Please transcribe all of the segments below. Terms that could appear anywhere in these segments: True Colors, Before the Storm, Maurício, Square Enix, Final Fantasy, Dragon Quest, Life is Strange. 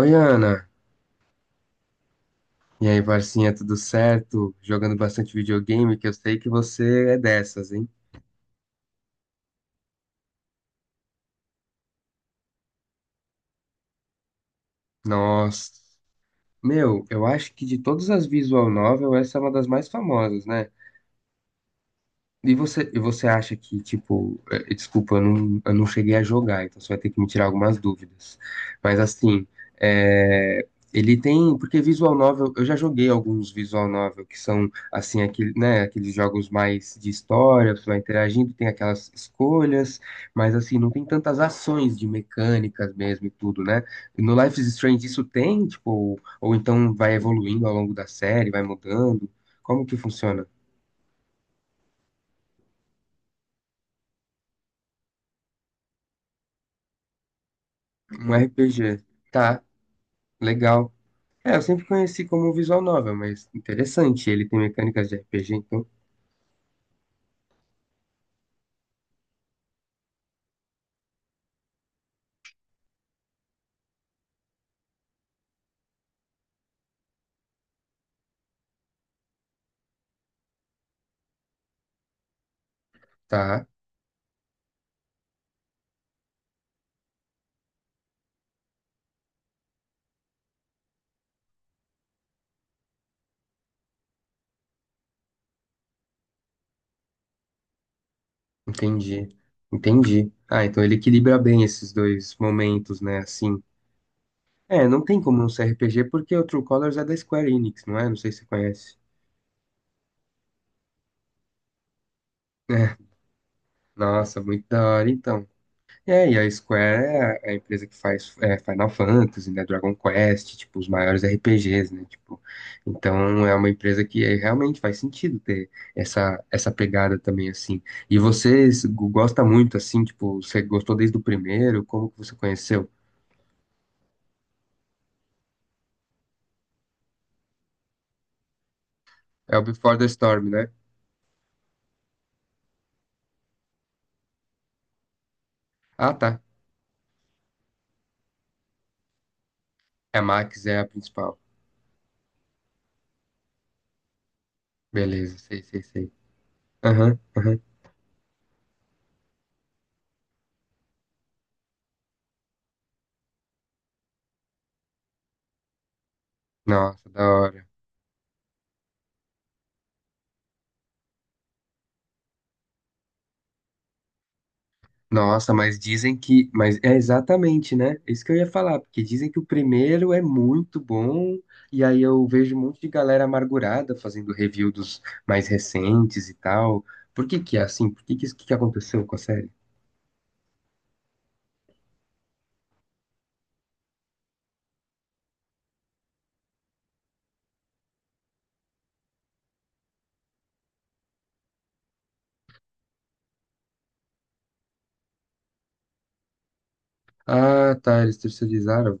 Oi, Ana. E aí, parcinha, tudo certo? Jogando bastante videogame, que eu sei que você é dessas, hein? Nossa. Meu, eu acho que de todas as visual novel, essa é uma das mais famosas, né? E você acha que, tipo, desculpa, eu não cheguei a jogar, então você vai ter que me tirar algumas dúvidas. Mas assim, eh, ele tem. Porque Visual Novel, eu já joguei alguns Visual Novel que são assim, aquele, né, aqueles jogos mais de história, você vai interagindo, tem aquelas escolhas, mas assim, não tem tantas ações de mecânicas mesmo e tudo, né? No Life is Strange isso tem, tipo, ou então vai evoluindo ao longo da série, vai mudando. Como que funciona? Um RPG. Tá. Legal. É, eu sempre conheci como visual novel, mas interessante. Ele tem mecânicas de RPG, então. Tá, entendi. Entendi. Ah, então ele equilibra bem esses dois momentos, né? Assim. É, não tem como não ser RPG porque o True Colors é da Square Enix, não é? Não sei se você conhece. É, nossa, muito da hora, então. É, e a Square é a empresa que faz é, Final Fantasy, né, Dragon Quest, tipo, os maiores RPGs, né, tipo, então é uma empresa que realmente faz sentido ter essa pegada também, assim, e você gosta muito, assim, tipo, você gostou desde o primeiro, como que você conheceu? É o Before the Storm, né? Ah, tá, é a Max é a principal, beleza, sei, sei, sei, aham, aham. Nossa, da hora. Nossa, mas dizem que. Mas é exatamente, né? Isso que eu ia falar, porque dizem que o primeiro é muito bom, e aí eu vejo um monte de galera amargurada fazendo review dos mais recentes e tal. Por que que é assim? Por que que isso que aconteceu com a série? Ah, tá, eles terceirizaram.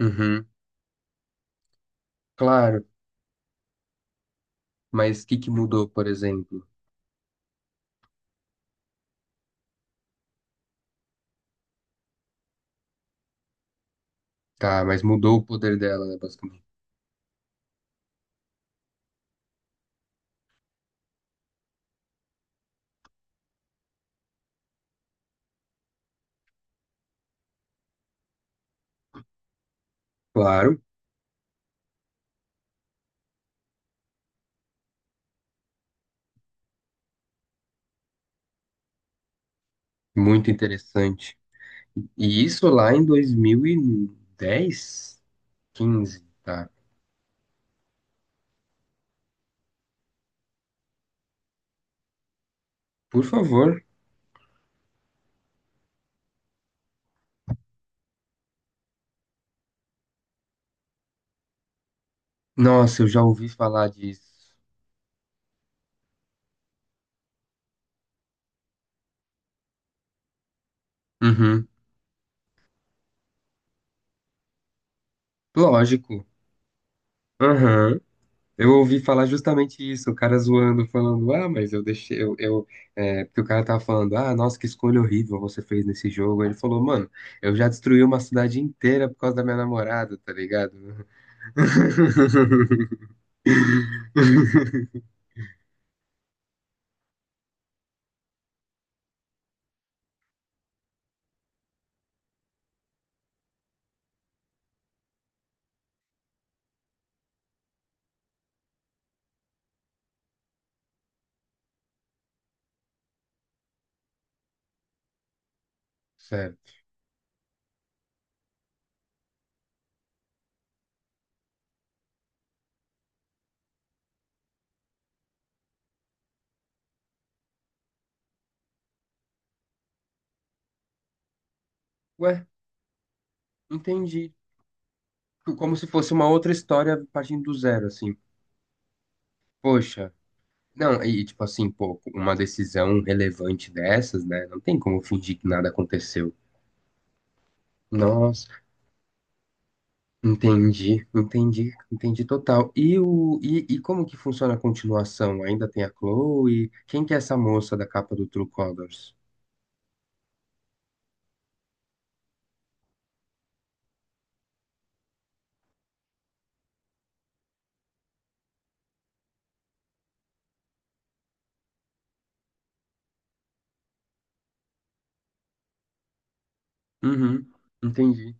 Uhum, claro. Mas o que que mudou, por exemplo? Tá, mas mudou o poder dela, né, basicamente. Claro, muito interessante. E isso lá em 2010, 15, tá? Por favor. Nossa, eu já ouvi falar disso. Uhum. Lógico. Uhum. Eu ouvi falar justamente isso, o cara zoando, falando, ah, mas eu deixei, porque o cara tava falando, ah, nossa, que escolha horrível você fez nesse jogo. Aí ele falou, mano, eu já destruí uma cidade inteira por causa da minha namorada, tá ligado? Certo. Ué, entendi. Como se fosse uma outra história partindo do zero, assim. Poxa, não, e tipo assim, pô, uma decisão relevante dessas, né? Não tem como fingir que nada aconteceu. Nossa, entendi, entendi, entendi total. E como que funciona a continuação? Ainda tem a Chloe? Quem que é essa moça da capa do True Colors? Uhum, entendi,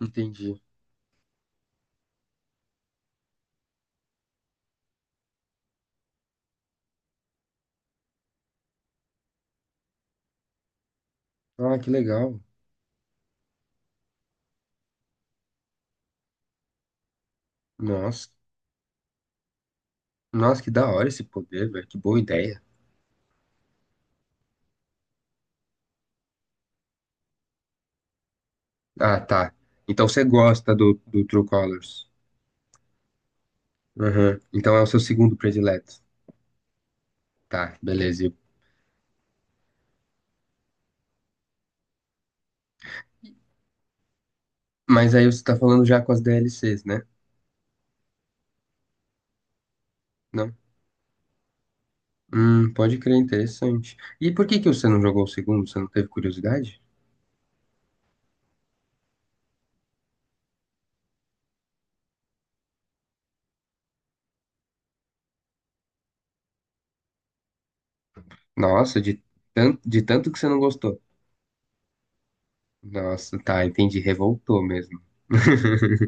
entendi. Ah, que legal. Nossa, nossa, que da hora esse poder, velho. Que boa ideia. Ah, tá. Então você gosta do True Colors. Uhum. Então é o seu segundo predileto. Tá, beleza. Mas aí você tá falando já com as DLCs, né? Não? Pode crer, interessante. E por que que você não jogou o segundo? Você não teve curiosidade? Nossa, de tanto que você não gostou. Nossa, tá, entendi. Revoltou mesmo.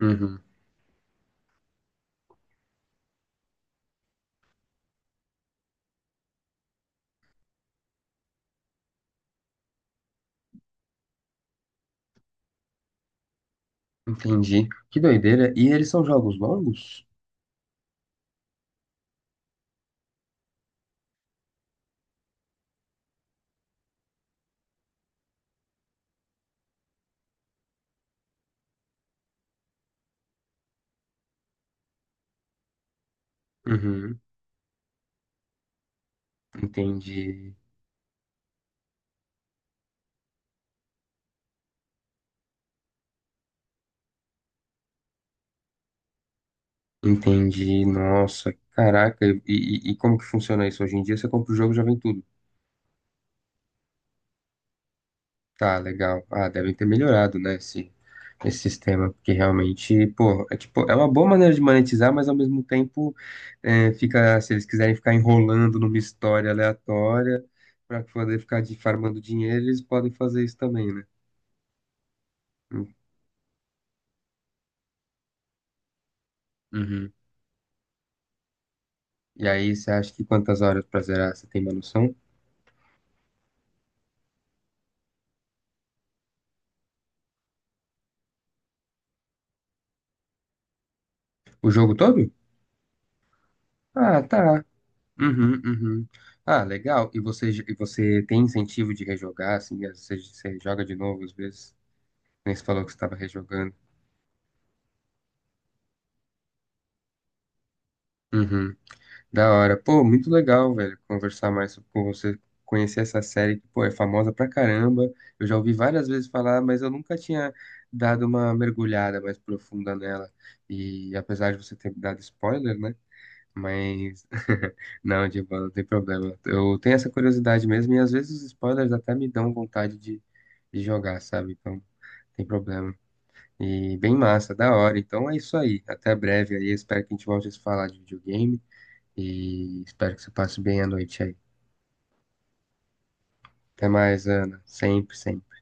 Uhum, entendi. Que doideira. E eles são jogos longos? Uhum, entendi. Entendi. Nossa, caraca. E como que funciona isso hoje em dia? Você compra o jogo e já vem tudo. Tá, legal. Ah, devem ter melhorado, né? Esse sistema, porque realmente, pô, é, tipo, é uma boa maneira de monetizar, mas ao mesmo tempo é, fica, se eles quiserem ficar enrolando numa história aleatória para poder ficar farmando dinheiro, eles podem fazer isso também, né? Uhum. E aí, você acha que quantas horas pra zerar? Você tem uma noção? O jogo todo? Ah, tá. Uhum, uhum. Ah, legal. E você tem incentivo de rejogar, assim, às vezes você joga de novo às vezes? Nem você falou que você estava rejogando. Uhum. Da hora. Pô, muito legal, velho, conversar mais com você, conhecer essa série que, pô, é famosa pra caramba. Eu já ouvi várias vezes falar, mas eu nunca tinha dado uma mergulhada mais profunda nela. E apesar de você ter me dado spoiler, né? Mas não, Divan, não tem problema. Eu tenho essa curiosidade mesmo e às vezes os spoilers até me dão vontade de jogar, sabe? Então, não tem problema. E bem massa, da hora. Então é isso aí. Até breve aí. Espero que a gente volte a se falar de videogame. E espero que você passe bem a noite aí. Até mais, Ana. Sempre, sempre.